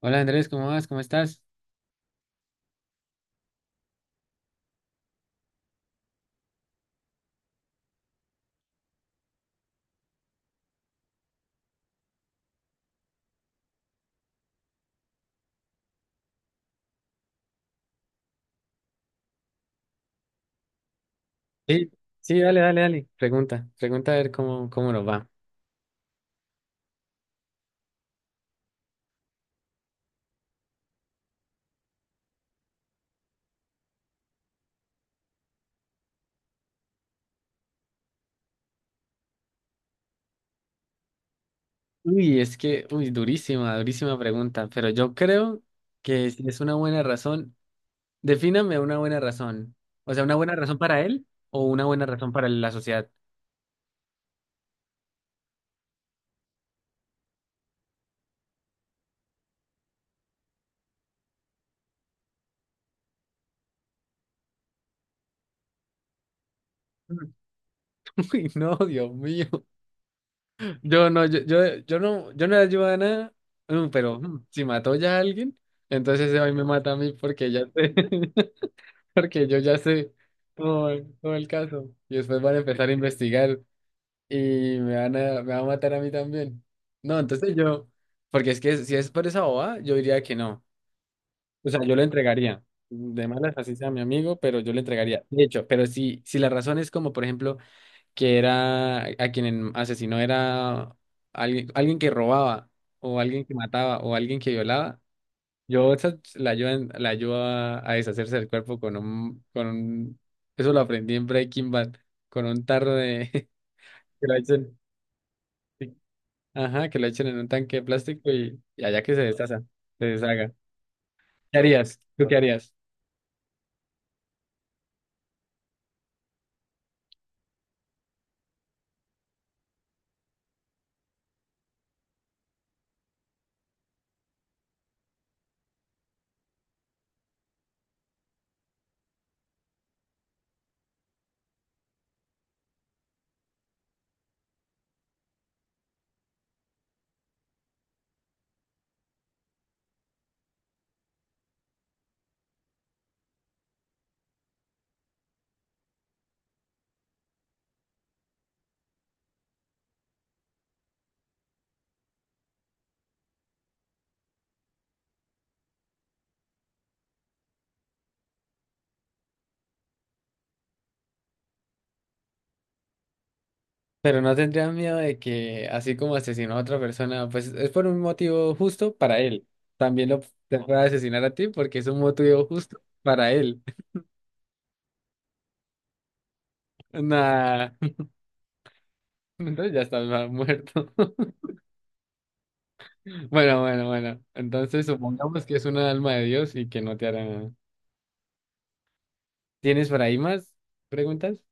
Hola Andrés, ¿cómo vas? ¿Cómo estás? Sí, sí, dale, dale, dale. Pregunta, pregunta a ver cómo nos va. Uy, es que, uy, durísima, durísima pregunta, pero yo creo que si es una buena razón, defíname una buena razón. O sea, ¿una buena razón para él o una buena razón para la sociedad? Mm. Uy, no, Dios mío. Yo no, yo no, yo no le ayudo a nada, pero si mató ya a alguien, entonces hoy me mata a mí porque ya sé. Porque yo ya sé todo el caso. Y después van a empezar a investigar y me van a matar a mí también. No, porque es que si es por esa boba, yo diría que no. O sea, yo le entregaría. De malas, así sea mi amigo, pero yo le entregaría. De hecho, pero si la razón es como, por ejemplo, que era a quien asesinó era alguien que robaba, o alguien que mataba, o alguien que violaba. Yo esa la ayudo, la ayudo a deshacerse del cuerpo, eso lo aprendí en Breaking Bad, con un tarro de, que lo echen, sí, ajá, que lo echen en un tanque de plástico y allá que se deshaga, se deshaga. ¿Qué harías? ¿Tú qué harías? Pero no tendrías miedo de que, así como asesinó a otra persona, pues es por un motivo justo para él. También lo te puede asesinar a ti porque es un motivo justo para él. Nah, entonces ya estás muerto. Bueno, bueno, bueno. Entonces supongamos que es una alma de Dios y que no te hará nada. ¿Tienes por ahí más preguntas?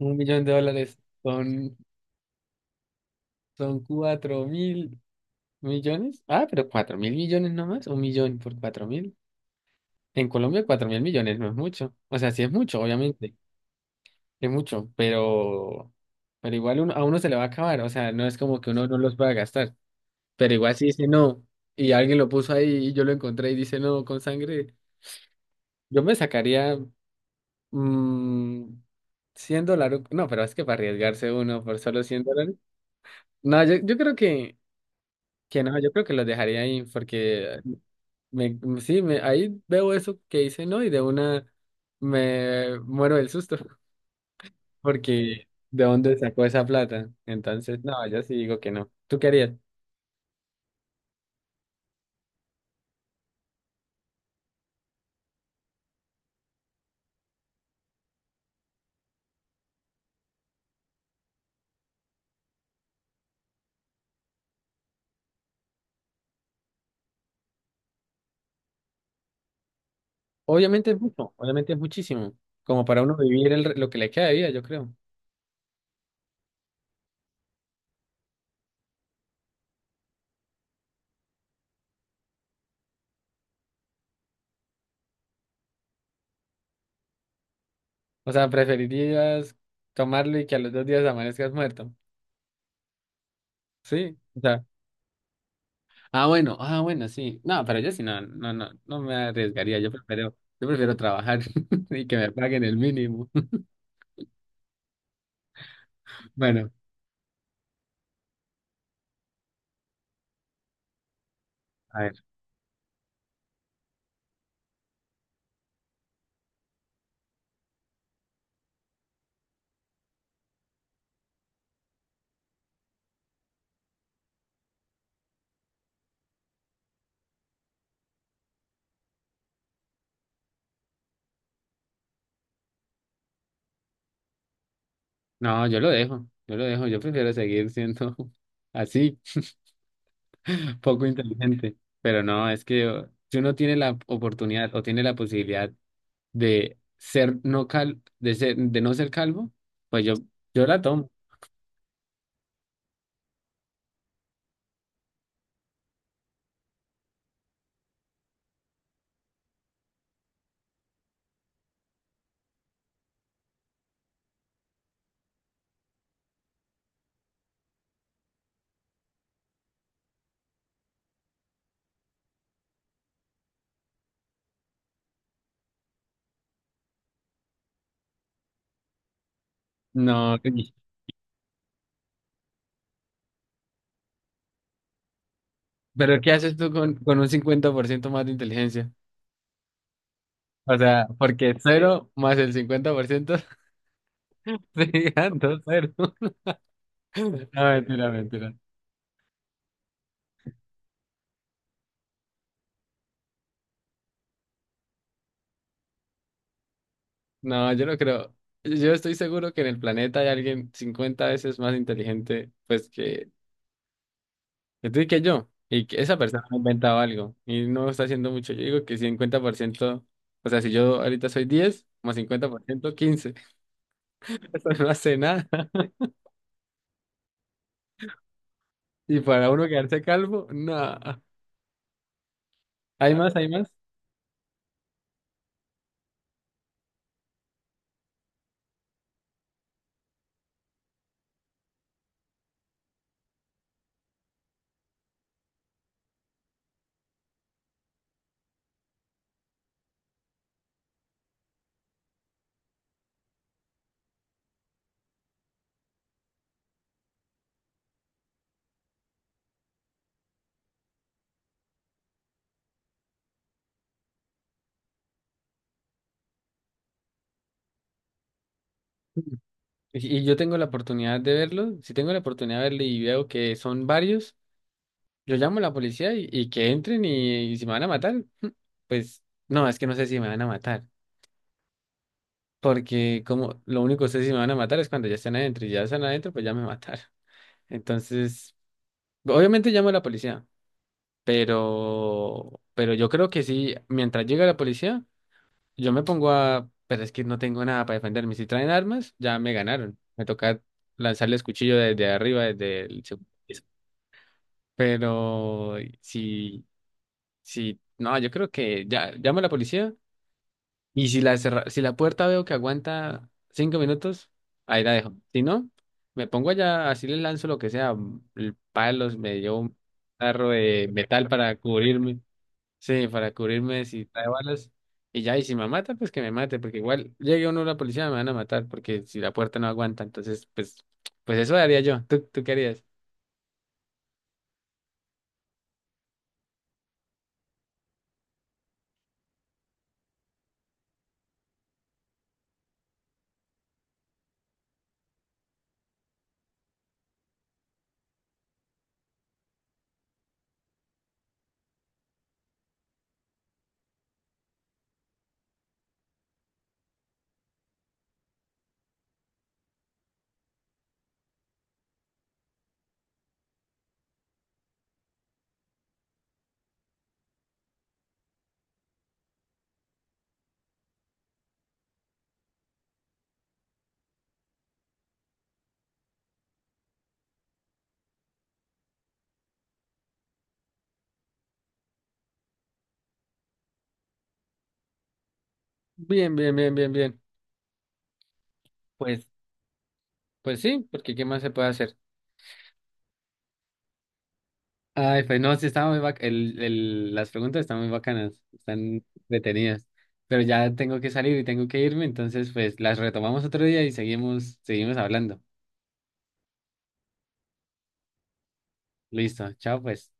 Un millón de dólares son 4.000 millones. Ah, pero 4.000 millones nomás. Un millón por 4.000. En Colombia 4.000 millones no es mucho. O sea, sí es mucho, obviamente. Es mucho, pero igual a uno se le va a acabar. O sea, no es como que uno no los pueda gastar. Pero igual si dice no y alguien lo puso ahí y yo lo encontré y dice no con sangre, yo me sacaría. Mm, $100. No, pero es que para arriesgarse uno por solo $100. No, yo creo que no, yo creo que los dejaría ahí porque me, sí, me, ahí veo eso que hice, ¿no? Y de una me muero del susto. Porque ¿de dónde sacó esa plata? Entonces, no, yo sí digo que no. ¿Tú qué harías? Obviamente es mucho, obviamente es muchísimo, como para uno vivir lo que le queda de vida, yo creo. O sea, preferirías tomarlo y que a los 2 días amanezcas muerto. Sí. Ah, bueno, ah, bueno, sí. No, pero yo sí no, no, no, no me arriesgaría. Yo prefiero trabajar y que me paguen el mínimo. Bueno, a ver. No, yo lo dejo, yo lo dejo. Yo prefiero seguir siendo así, poco inteligente. Pero no, es que si uno tiene la oportunidad o tiene la posibilidad de no ser calvo, pues yo la tomo. No, pero ¿qué haces tú con un 50% más de inteligencia? O sea, porque cero más el 50%. Sí, ando, cero. No, mentira, mentira. No, yo no creo. Yo estoy seguro que en el planeta hay alguien 50 veces más inteligente, pues, que tú y que yo. Y que esa persona ha inventado algo. Y no está haciendo mucho. Yo digo que 50%, o sea, si yo ahorita soy 10 más 50%, 15. Eso no hace nada. Y para uno quedarse calvo, no. ¿Hay más? ¿Hay más? Y yo tengo la oportunidad de verlo, si tengo la oportunidad de verlo y veo que son varios, yo llamo a la policía y que entren, y si me van a matar, pues no, es que no sé si me van a matar, porque como lo único que sé si me van a matar es cuando ya están adentro, y ya están adentro, pues ya me mataron. Entonces, obviamente llamo a la policía, pero yo creo que sí, mientras llega la policía, yo me pongo a, pero es que no tengo nada para defenderme. Si traen armas, ya me ganaron. Me toca lanzarles cuchillo desde arriba, Pero si... Sí, no, yo creo que ya llamo a la policía y si la puerta veo que aguanta 5 minutos, ahí la dejo. Si no, me pongo allá, así le lanzo lo que sea, el palos, me llevo un tarro de metal para cubrirme, sí, para cubrirme si trae balas, y ya, y si me mata, pues que me mate, porque igual llegue uno a la policía me van a matar, porque si la puerta no aguanta, entonces, pues eso haría yo. ¿Tú qué harías? Bien, bien, bien, bien, bien. Pues, pues sí, porque ¿qué más se puede hacer? Ay, pues no, sí, estaba muy bac- el- las preguntas están muy bacanas, están detenidas, pero ya tengo que salir y tengo que irme, entonces pues las retomamos otro día y seguimos hablando. Listo, chao pues.